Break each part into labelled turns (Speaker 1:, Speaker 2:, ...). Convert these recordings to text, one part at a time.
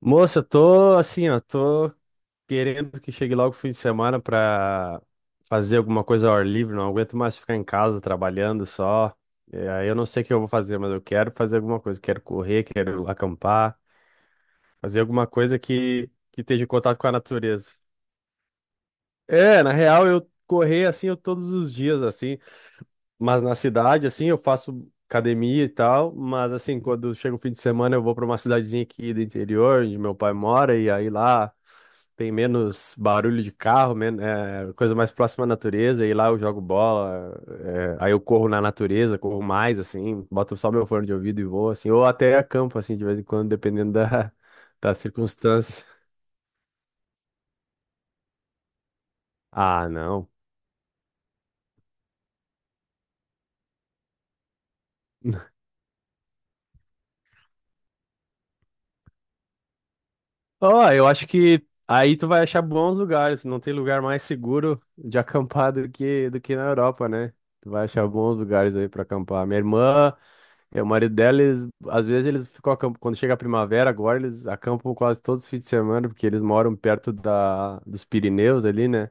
Speaker 1: Moça, tô assim, ó, tô querendo que chegue logo o fim de semana pra fazer alguma coisa ao ar livre, não aguento mais ficar em casa trabalhando só. E aí eu não sei o que eu vou fazer, mas eu quero fazer alguma coisa, quero correr, quero acampar, fazer alguma coisa que esteja em contato com a natureza. É, na real, eu correr assim eu todos os dias assim. Mas na cidade, assim, eu faço academia e tal, mas assim, quando chega o fim de semana, eu vou para uma cidadezinha aqui do interior, onde meu pai mora, e aí lá tem menos barulho de carro, coisa mais próxima à natureza, e lá eu jogo bola, é, aí eu corro na natureza, corro mais, assim, boto só meu fone de ouvido e vou, assim, ou até acampo, assim, de vez em quando, dependendo da, da circunstância. Ah, não. Ó, eu acho que aí tu vai achar bons lugares. Não tem lugar mais seguro de acampar do que na Europa, né? Tu vai achar bons lugares aí pra acampar. Minha irmã, o marido dela, eles, às vezes eles ficam acampando. Quando chega a primavera, agora eles acampam quase todos os fins de semana, porque eles moram perto da, dos Pirineus ali, né?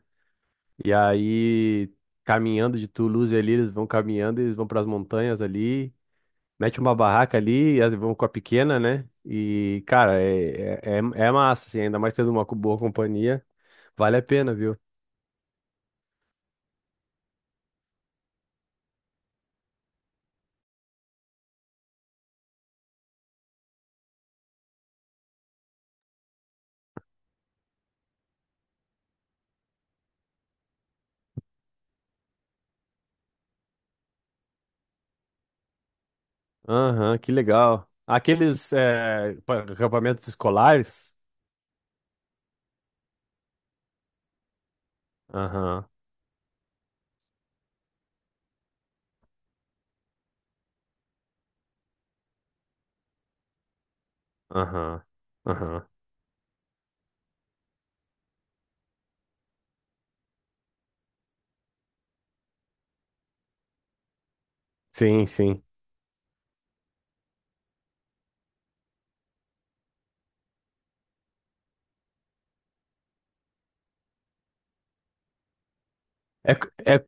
Speaker 1: E aí, caminhando de Toulouse ali, eles vão caminhando, eles vão pras montanhas ali. Mete uma barraca ali, vão com a pequena, né? E, cara, é massa, assim, ainda mais tendo uma boa companhia. Vale a pena, viu? Aham, que legal. Aqueles acampamentos escolares? Aham, aham, aham. Sim, sim. É, c- é,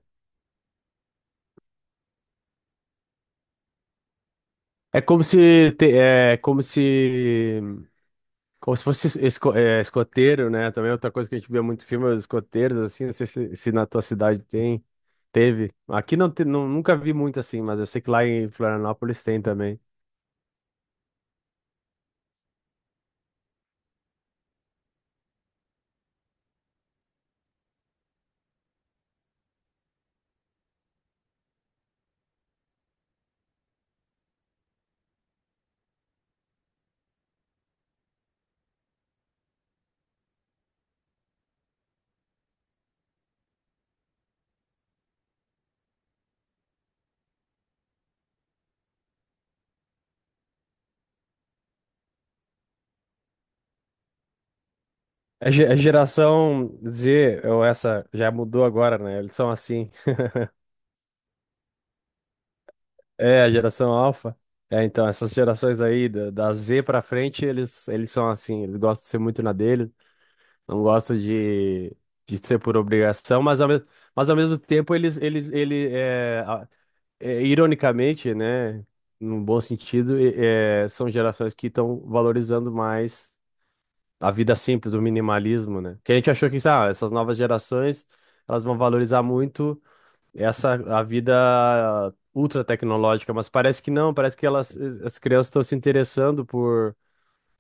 Speaker 1: é como se, é como se. Como se fosse escoteiro, né? Também outra coisa que a gente vê muito em filme, é os escoteiros, assim, não sei se na tua cidade tem, teve. Aqui não, nunca vi muito assim, mas eu sei que lá em Florianópolis tem também. A geração Z, ou essa, já mudou agora, né? Eles são assim. É, a geração Alpha. É, então, essas gerações aí, da Z pra frente, eles são assim, eles gostam de ser muito na deles, não gostam de ser por obrigação, mas ao mesmo tempo eles eles ele é, ironicamente, né, num bom sentido, é, são gerações que estão valorizando mais a vida simples, o minimalismo, né? Que a gente achou que, sabe, essas novas gerações, elas vão valorizar muito essa a vida ultra tecnológica, mas parece que não, parece que elas, as crianças estão se interessando por,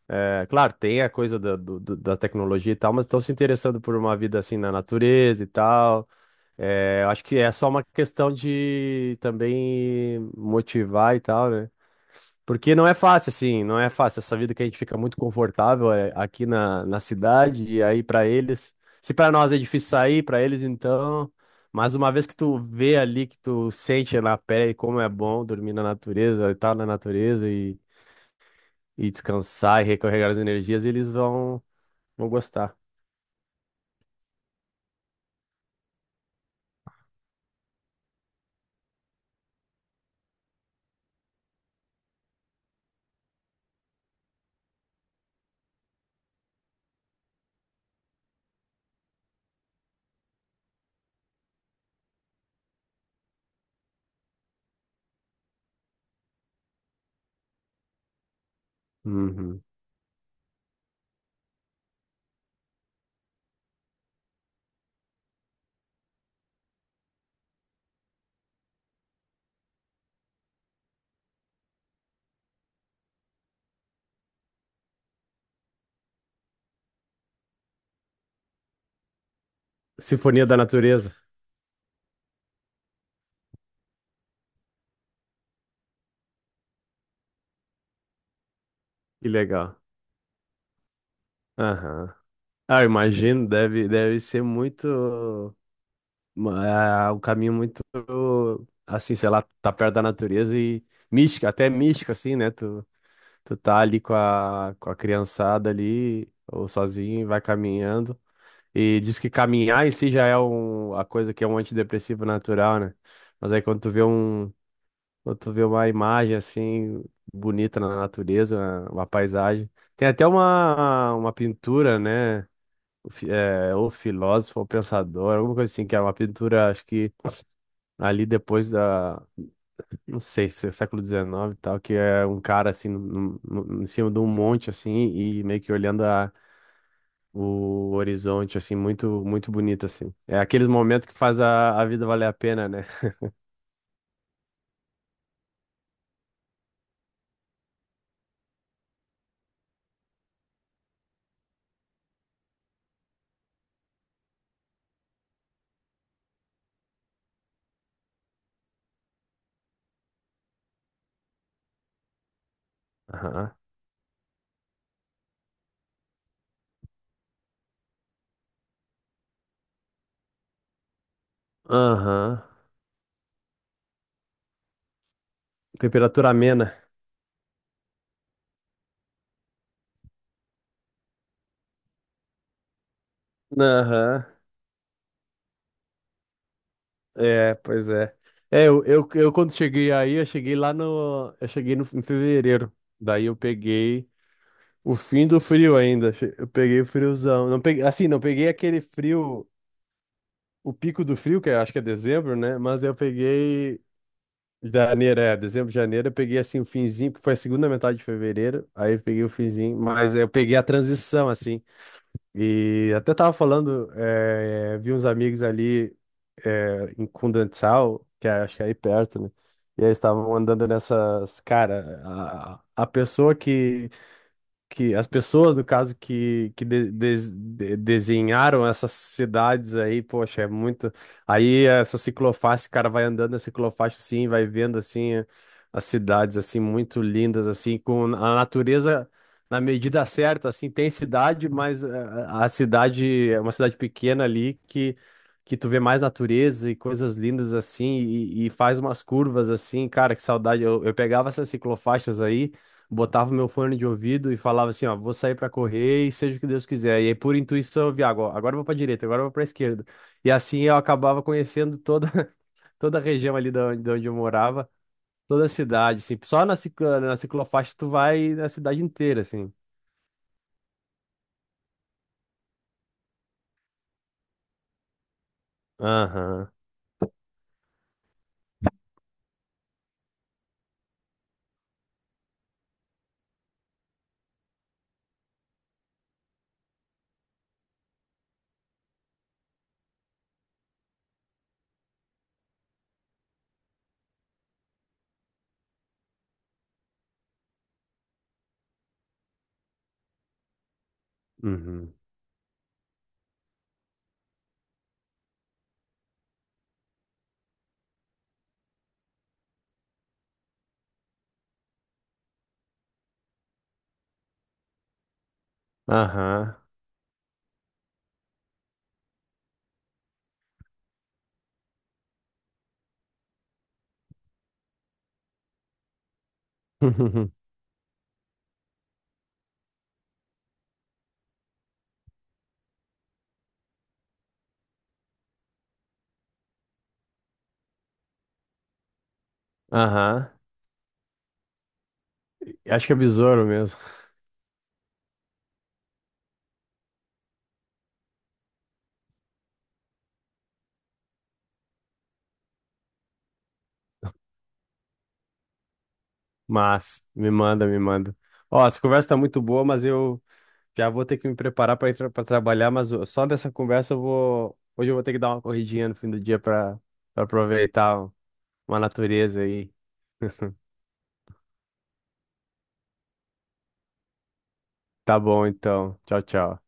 Speaker 1: é, claro, tem a coisa da tecnologia e tal, mas estão se interessando por uma vida assim na natureza e tal. É, eu acho que é só uma questão de também motivar e tal, né? Porque não é fácil, assim, não é fácil. Essa vida que a gente fica muito confortável é, aqui na cidade, e aí pra eles, se pra nós é difícil sair, pra eles então. Mas uma vez que tu vê ali, que tu sente na pele como é bom dormir na natureza, estar na natureza e descansar e recarregar as energias, eles vão, vão gostar. Uhum. Sinfonia da Natureza, que legal. Aham. Ah, eu imagino, deve, deve ser muito. Uma- ah, um caminho muito. Assim, sei lá, tá perto da natureza e mística, até mística, assim, né? Tu, tu tá ali com a criançada ali, ou sozinho, e vai caminhando. E diz que caminhar em si já é um, a coisa que é um antidepressivo natural, né? Mas aí quando quando tu vê uma imagem assim, bonita na natureza, uma paisagem. Tem até uma pintura, né? O, o filósofo, o pensador, alguma coisa assim, que era uma pintura, acho que ali depois da, não sei, se é século XIX e tal, que é um cara assim, em cima de um monte assim, e meio que olhando a, o horizonte, assim, muito, muito bonito, assim. É aqueles momentos que faz a vida valer a pena, né? Aham. Aham. Temperatura amena. Aham. É, pois é. Eu quando cheguei aí, eu cheguei lá no. Eu cheguei no, em fevereiro. Daí eu peguei. O fim do frio ainda. Che- Eu peguei o friozão. Não peguei, assim, não peguei aquele frio, o pico do frio, que eu acho que é dezembro, né? Mas eu peguei janeiro, é, dezembro, janeiro, eu peguei assim o finzinho, que foi a segunda metade de fevereiro. Aí eu peguei o finzinho, mas eu peguei a transição, assim. E até tava falando, é, vi uns amigos ali é, em Kundanzau, que é, acho que é aí perto, né? E aí eles estavam andando nessas, cara, a pessoa que as pessoas, no caso, que desenharam essas cidades aí, poxa, é muito. Aí essa ciclofaixa, o cara vai andando na ciclofaixa assim, vai vendo assim as cidades assim muito lindas assim, com a natureza na medida certa, assim, tem cidade, mas a cidade é uma cidade pequena ali que tu vê mais natureza e coisas lindas assim e faz umas curvas assim, cara, que saudade. Eu pegava essas ciclofaixas aí, botava meu fone de ouvido e falava assim, ó, vou sair pra correr e seja o que Deus quiser. E aí, por intuição, eu via, agora, agora eu vou pra direita, agora eu vou pra esquerda. E assim eu acabava conhecendo toda, toda a região ali da onde, de onde eu morava, toda a cidade, assim. Só na ciclofaixa tu vai na cidade inteira, assim. Aham, uhum, aham, aham. Acho que é besouro mesmo. Mas, me manda, me manda. Ó, essa conversa tá muito boa, mas eu. Já vou ter que me preparar para ir para trabalhar, mas só dessa conversa eu vou. Hoje eu vou ter que dar uma corridinha no fim do dia para aproveitar uma natureza aí. Tá bom, então. Tchau, tchau.